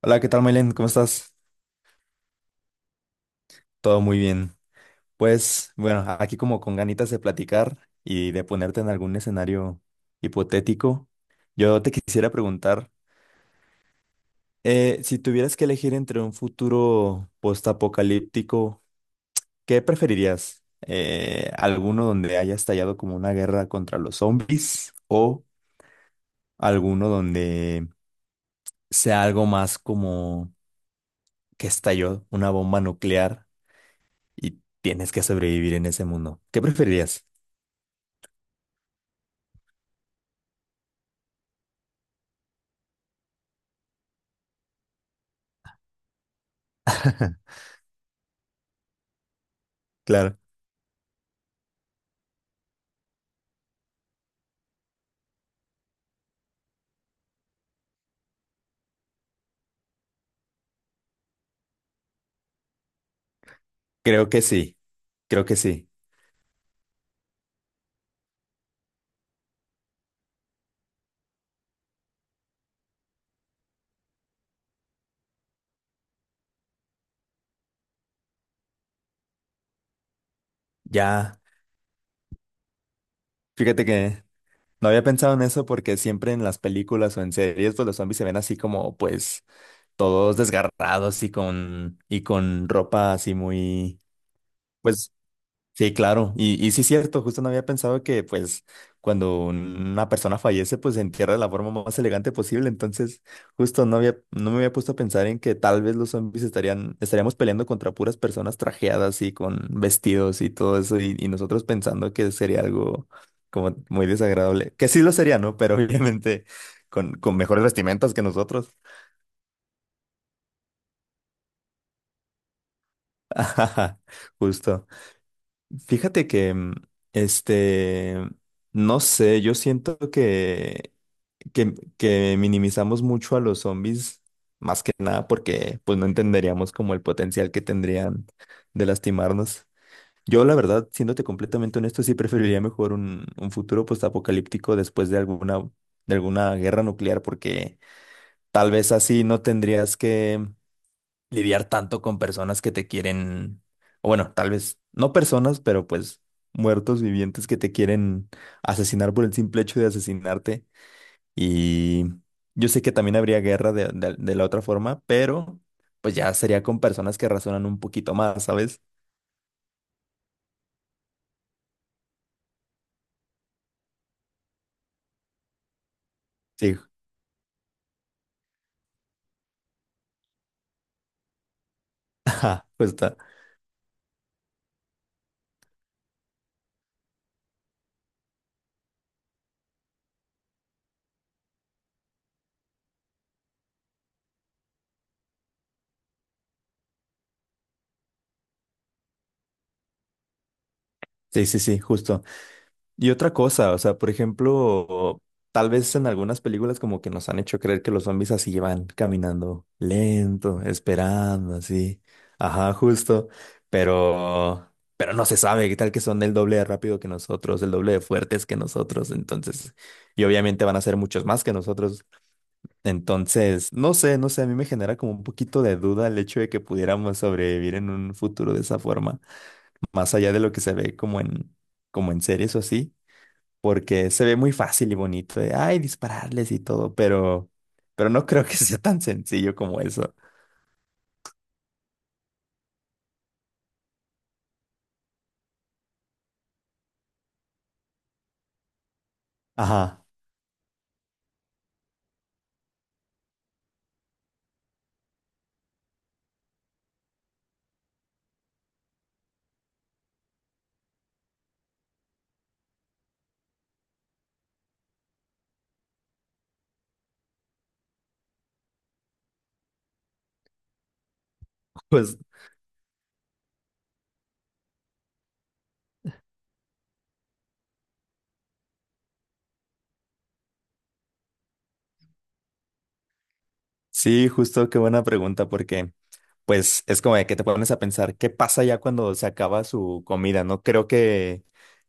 Hola, ¿qué tal, Mailen? ¿Cómo estás? Todo muy bien. Pues bueno, aquí como con ganitas de platicar y de ponerte en algún escenario hipotético, yo te quisiera preguntar, si tuvieras que elegir entre un futuro postapocalíptico, ¿qué preferirías? ¿Alguno donde haya estallado como una guerra contra los zombies o alguno donde sea algo más como que estalló una bomba nuclear y tienes que sobrevivir en ese mundo? ¿Qué preferirías? Claro, creo que sí, creo que sí. Ya, fíjate que no había pensado en eso porque siempre en las películas o en series, pues los zombies se ven así como, pues, todos desgarrados y con ropa así muy, pues, sí, claro. Y sí es cierto, justo no había pensado que pues cuando una persona fallece pues se entierra de la forma más elegante posible. Entonces, justo no me había puesto a pensar en que tal vez los zombies estaríamos peleando contra puras personas trajeadas y con vestidos y todo eso, y nosotros pensando que sería algo como muy desagradable. Que sí lo sería, ¿no? Pero obviamente con mejores vestimentas que nosotros. Justo. Fíjate que, este, no sé, yo siento que minimizamos mucho a los zombies, más que nada porque pues no entenderíamos como el potencial que tendrían de lastimarnos. Yo la verdad, siéndote completamente honesto, sí preferiría mejor un futuro postapocalíptico después de de alguna guerra nuclear, porque tal vez así no tendrías que lidiar tanto con personas que te quieren, o bueno, tal vez no personas, pero pues muertos vivientes que te quieren asesinar por el simple hecho de asesinarte. Y yo sé que también habría guerra de la otra forma, pero pues ya sería con personas que razonan un poquito más, ¿sabes? Sí, ajá, pues está. Sí, justo. Y otra cosa, o sea, por ejemplo, tal vez en algunas películas como que nos han hecho creer que los zombies así van caminando lento, esperando, así. Ajá, justo. Pero no se sabe qué tal que son el doble de rápido que nosotros, el doble de fuertes que nosotros. Entonces, y obviamente van a ser muchos más que nosotros. Entonces, no sé, a mí me genera como un poquito de duda el hecho de que pudiéramos sobrevivir en un futuro de esa forma, más allá de lo que se ve como en series o así porque se ve muy fácil y bonito de, ay, dispararles y todo, pero no creo que sea tan sencillo como eso. Ajá, pues sí, justo qué buena pregunta, porque pues es como de que te pones a pensar, ¿qué pasa ya cuando se acaba su comida?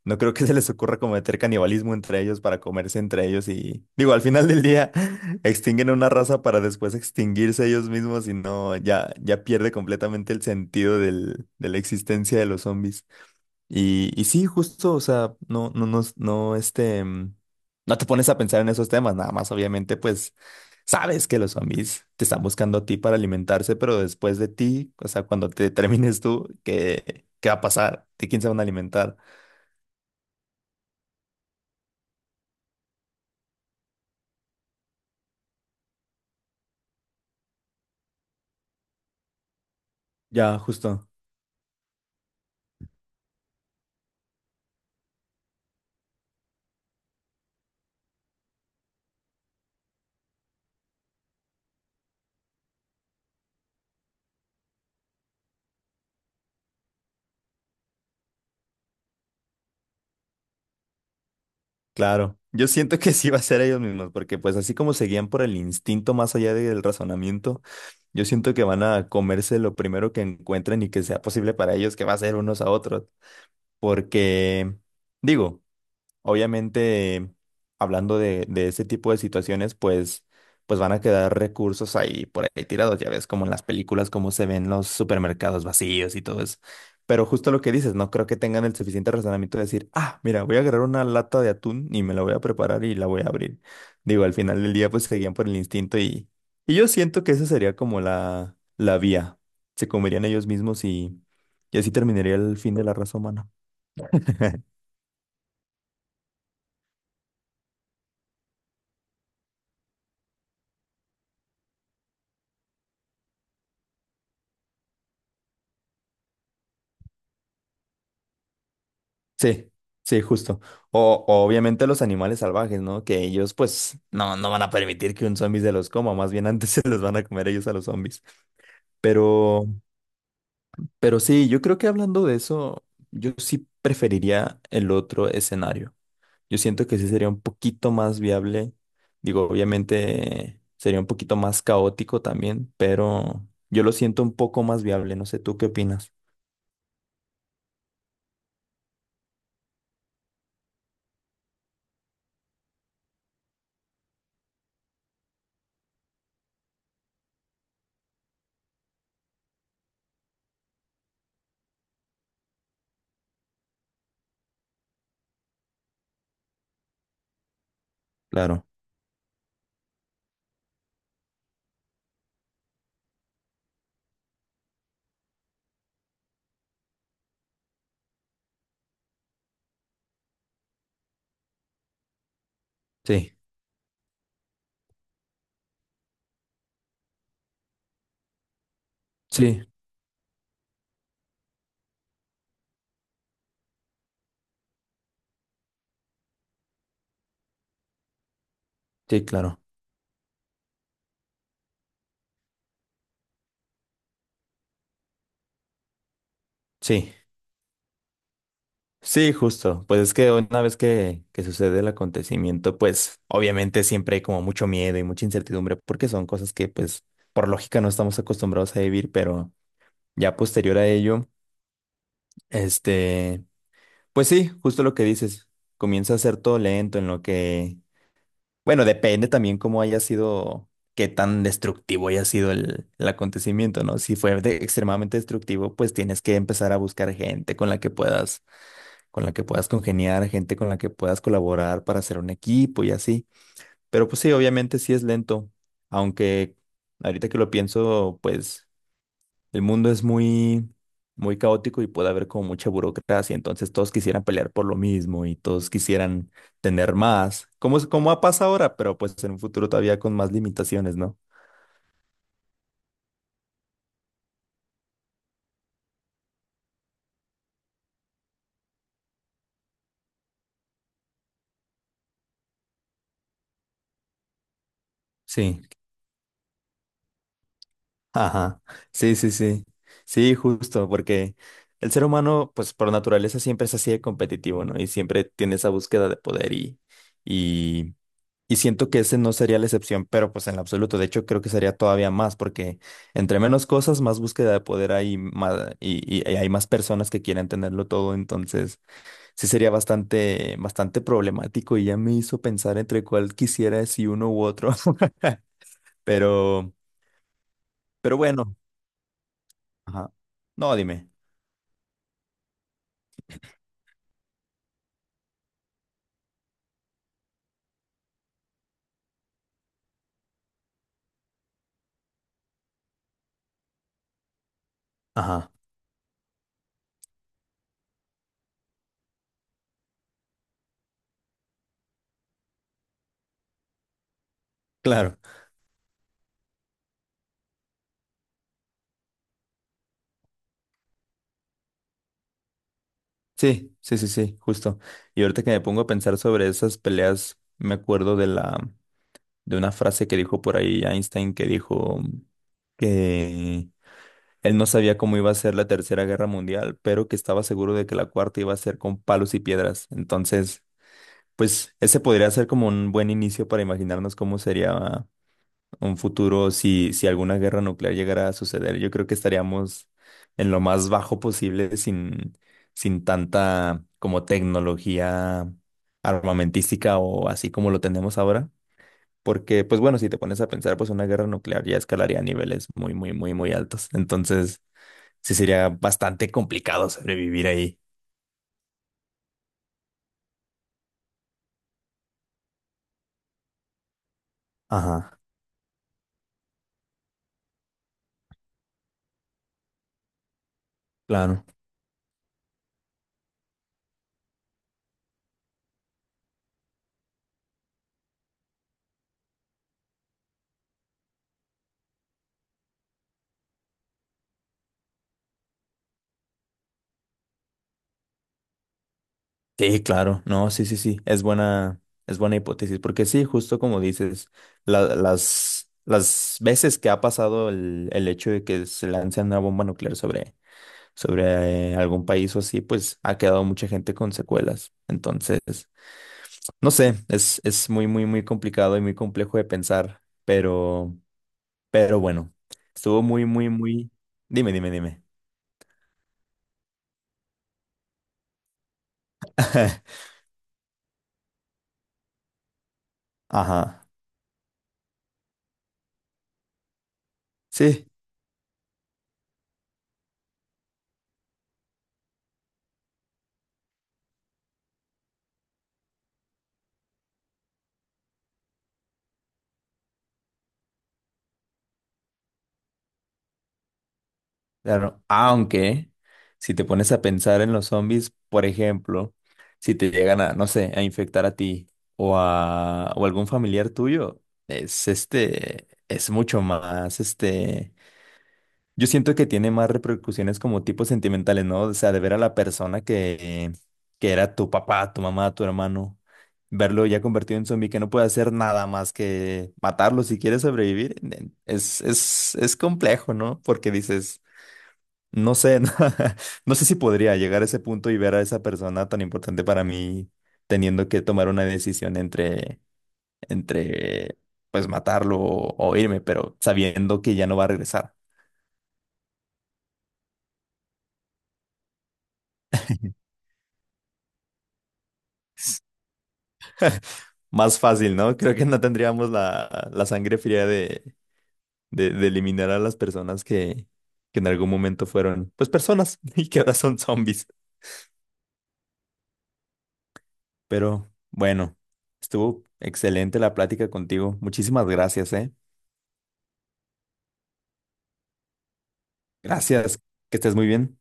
No creo que se les ocurra cometer canibalismo entre ellos para comerse entre ellos y, digo, al final del día extinguen una raza para después extinguirse ellos mismos y no, ya pierde completamente el sentido de la existencia de los zombies. Y sí, justo, o sea, no te pones a pensar en esos temas, nada más, obviamente, pues sabes que los zombies te están buscando a ti para alimentarse, pero después de ti, o sea, cuando te termines tú, ¿qué va a pasar? ¿De quién se van a alimentar? Ya, justo, claro. Yo siento que sí va a ser ellos mismos, porque pues así como se guían por el instinto más allá del razonamiento, yo siento que van a comerse lo primero que encuentren y que sea posible para ellos, que va a ser unos a otros. Porque, digo, obviamente, hablando de ese tipo de situaciones, pues, pues van a quedar recursos ahí por ahí tirados, ya ves, como en las películas, cómo se ven los supermercados vacíos y todo eso. Pero justo lo que dices, no creo que tengan el suficiente razonamiento de decir, ah, mira, voy a agarrar una lata de atún y me la voy a preparar y la voy a abrir. Digo, al final del día, pues seguían por el instinto y yo siento que esa sería como la vía. Se comerían ellos mismos y así terminaría el fin de la raza humana. Sí, sí, justo. O obviamente los animales salvajes, ¿no? Que ellos pues no van a permitir que un zombie se los coma, más bien antes se los van a comer ellos a los zombies. Pero, pero sí, yo creo que hablando de eso, yo sí preferiría el otro escenario. Yo siento que sí sería un poquito más viable. Digo, obviamente sería un poquito más caótico también, pero yo lo siento un poco más viable. No sé, ¿tú qué opinas? Claro. Sí, sí, sí, claro. Sí. Sí, justo. Pues es que una vez que sucede el acontecimiento, pues obviamente siempre hay como mucho miedo y mucha incertidumbre porque son cosas que pues por lógica no estamos acostumbrados a vivir, pero ya posterior a ello, este, pues sí, justo lo que dices, comienza a ser todo lento en lo que, bueno, depende también cómo haya sido, qué tan destructivo haya sido el acontecimiento, ¿no? Si fue de- extremadamente destructivo, pues tienes que empezar a buscar gente con la que puedas con la que puedas congeniar, gente con la que puedas colaborar para hacer un equipo y así. Pero pues sí, obviamente sí es lento, aunque ahorita que lo pienso, pues el mundo es muy caótico y puede haber como mucha burocracia, entonces todos quisieran pelear por lo mismo y todos quisieran tener más, como, es- como ha pasado ahora, pero pues en un futuro todavía con más limitaciones, ¿no? Sí. Ajá, sí, sí, sí, sí, justo, porque el ser humano, pues por naturaleza siempre es así de competitivo, ¿no? Y siempre tiene esa búsqueda de poder y, y siento que ese no sería la excepción, pero pues en lo absoluto, de hecho creo que sería todavía más, porque entre menos cosas, más búsqueda de poder hay más, y hay más personas que quieren tenerlo todo, entonces sí sería bastante, bastante problemático y ya me hizo pensar entre cuál quisiera, si uno u otro, pero, pero bueno, ajá, no, dime. Ajá, claro. Sí, justo. Y ahorita que me pongo a pensar sobre esas peleas, me acuerdo de una frase que dijo por ahí Einstein que dijo que él no sabía cómo iba a ser la Tercera Guerra Mundial, pero que estaba seguro de que la cuarta iba a ser con palos y piedras. Entonces, pues ese podría ser como un buen inicio para imaginarnos cómo sería un futuro, si alguna guerra nuclear llegara a suceder, yo creo que estaríamos en lo más bajo posible sin tanta como tecnología armamentística o así como lo tenemos ahora. Porque, pues bueno, si te pones a pensar, pues una guerra nuclear ya escalaría a niveles muy altos. Entonces, sí sería bastante complicado sobrevivir ahí. Ajá, claro. Sí, claro, no, sí, sí, sí, es buena hipótesis, porque sí, justo como dices, las veces que ha pasado el hecho de que se lance una bomba nuclear sobre, sobre algún país o así, pues ha quedado mucha gente con secuelas. Entonces, no sé, es muy, muy, muy complicado y muy complejo de pensar, pero bueno, estuvo muy, muy, muy... Dime, dime, dime. Ajá, sí. Claro, aunque si te pones a pensar en los zombies, por ejemplo, si te llegan a, no sé, a infectar a ti o a o algún familiar tuyo, es mucho más, este, yo siento que tiene más repercusiones como tipo sentimentales, ¿no? O sea, de ver a la persona que era tu papá, tu mamá, tu hermano, verlo ya convertido en zombie que no puede hacer nada más que matarlo si quiere sobrevivir, es complejo, ¿no? Porque dices... No sé, no, no sé si podría llegar a ese punto y ver a esa persona tan importante para mí teniendo que tomar una decisión entre pues matarlo o irme, pero sabiendo que ya no va a regresar. Es más fácil, ¿no? Creo que no tendríamos la sangre fría de eliminar a las personas que en algún momento fueron, pues personas y que ahora son zombies. Pero bueno, estuvo excelente la plática contigo. Muchísimas gracias, ¿eh? Gracias, que estés muy bien.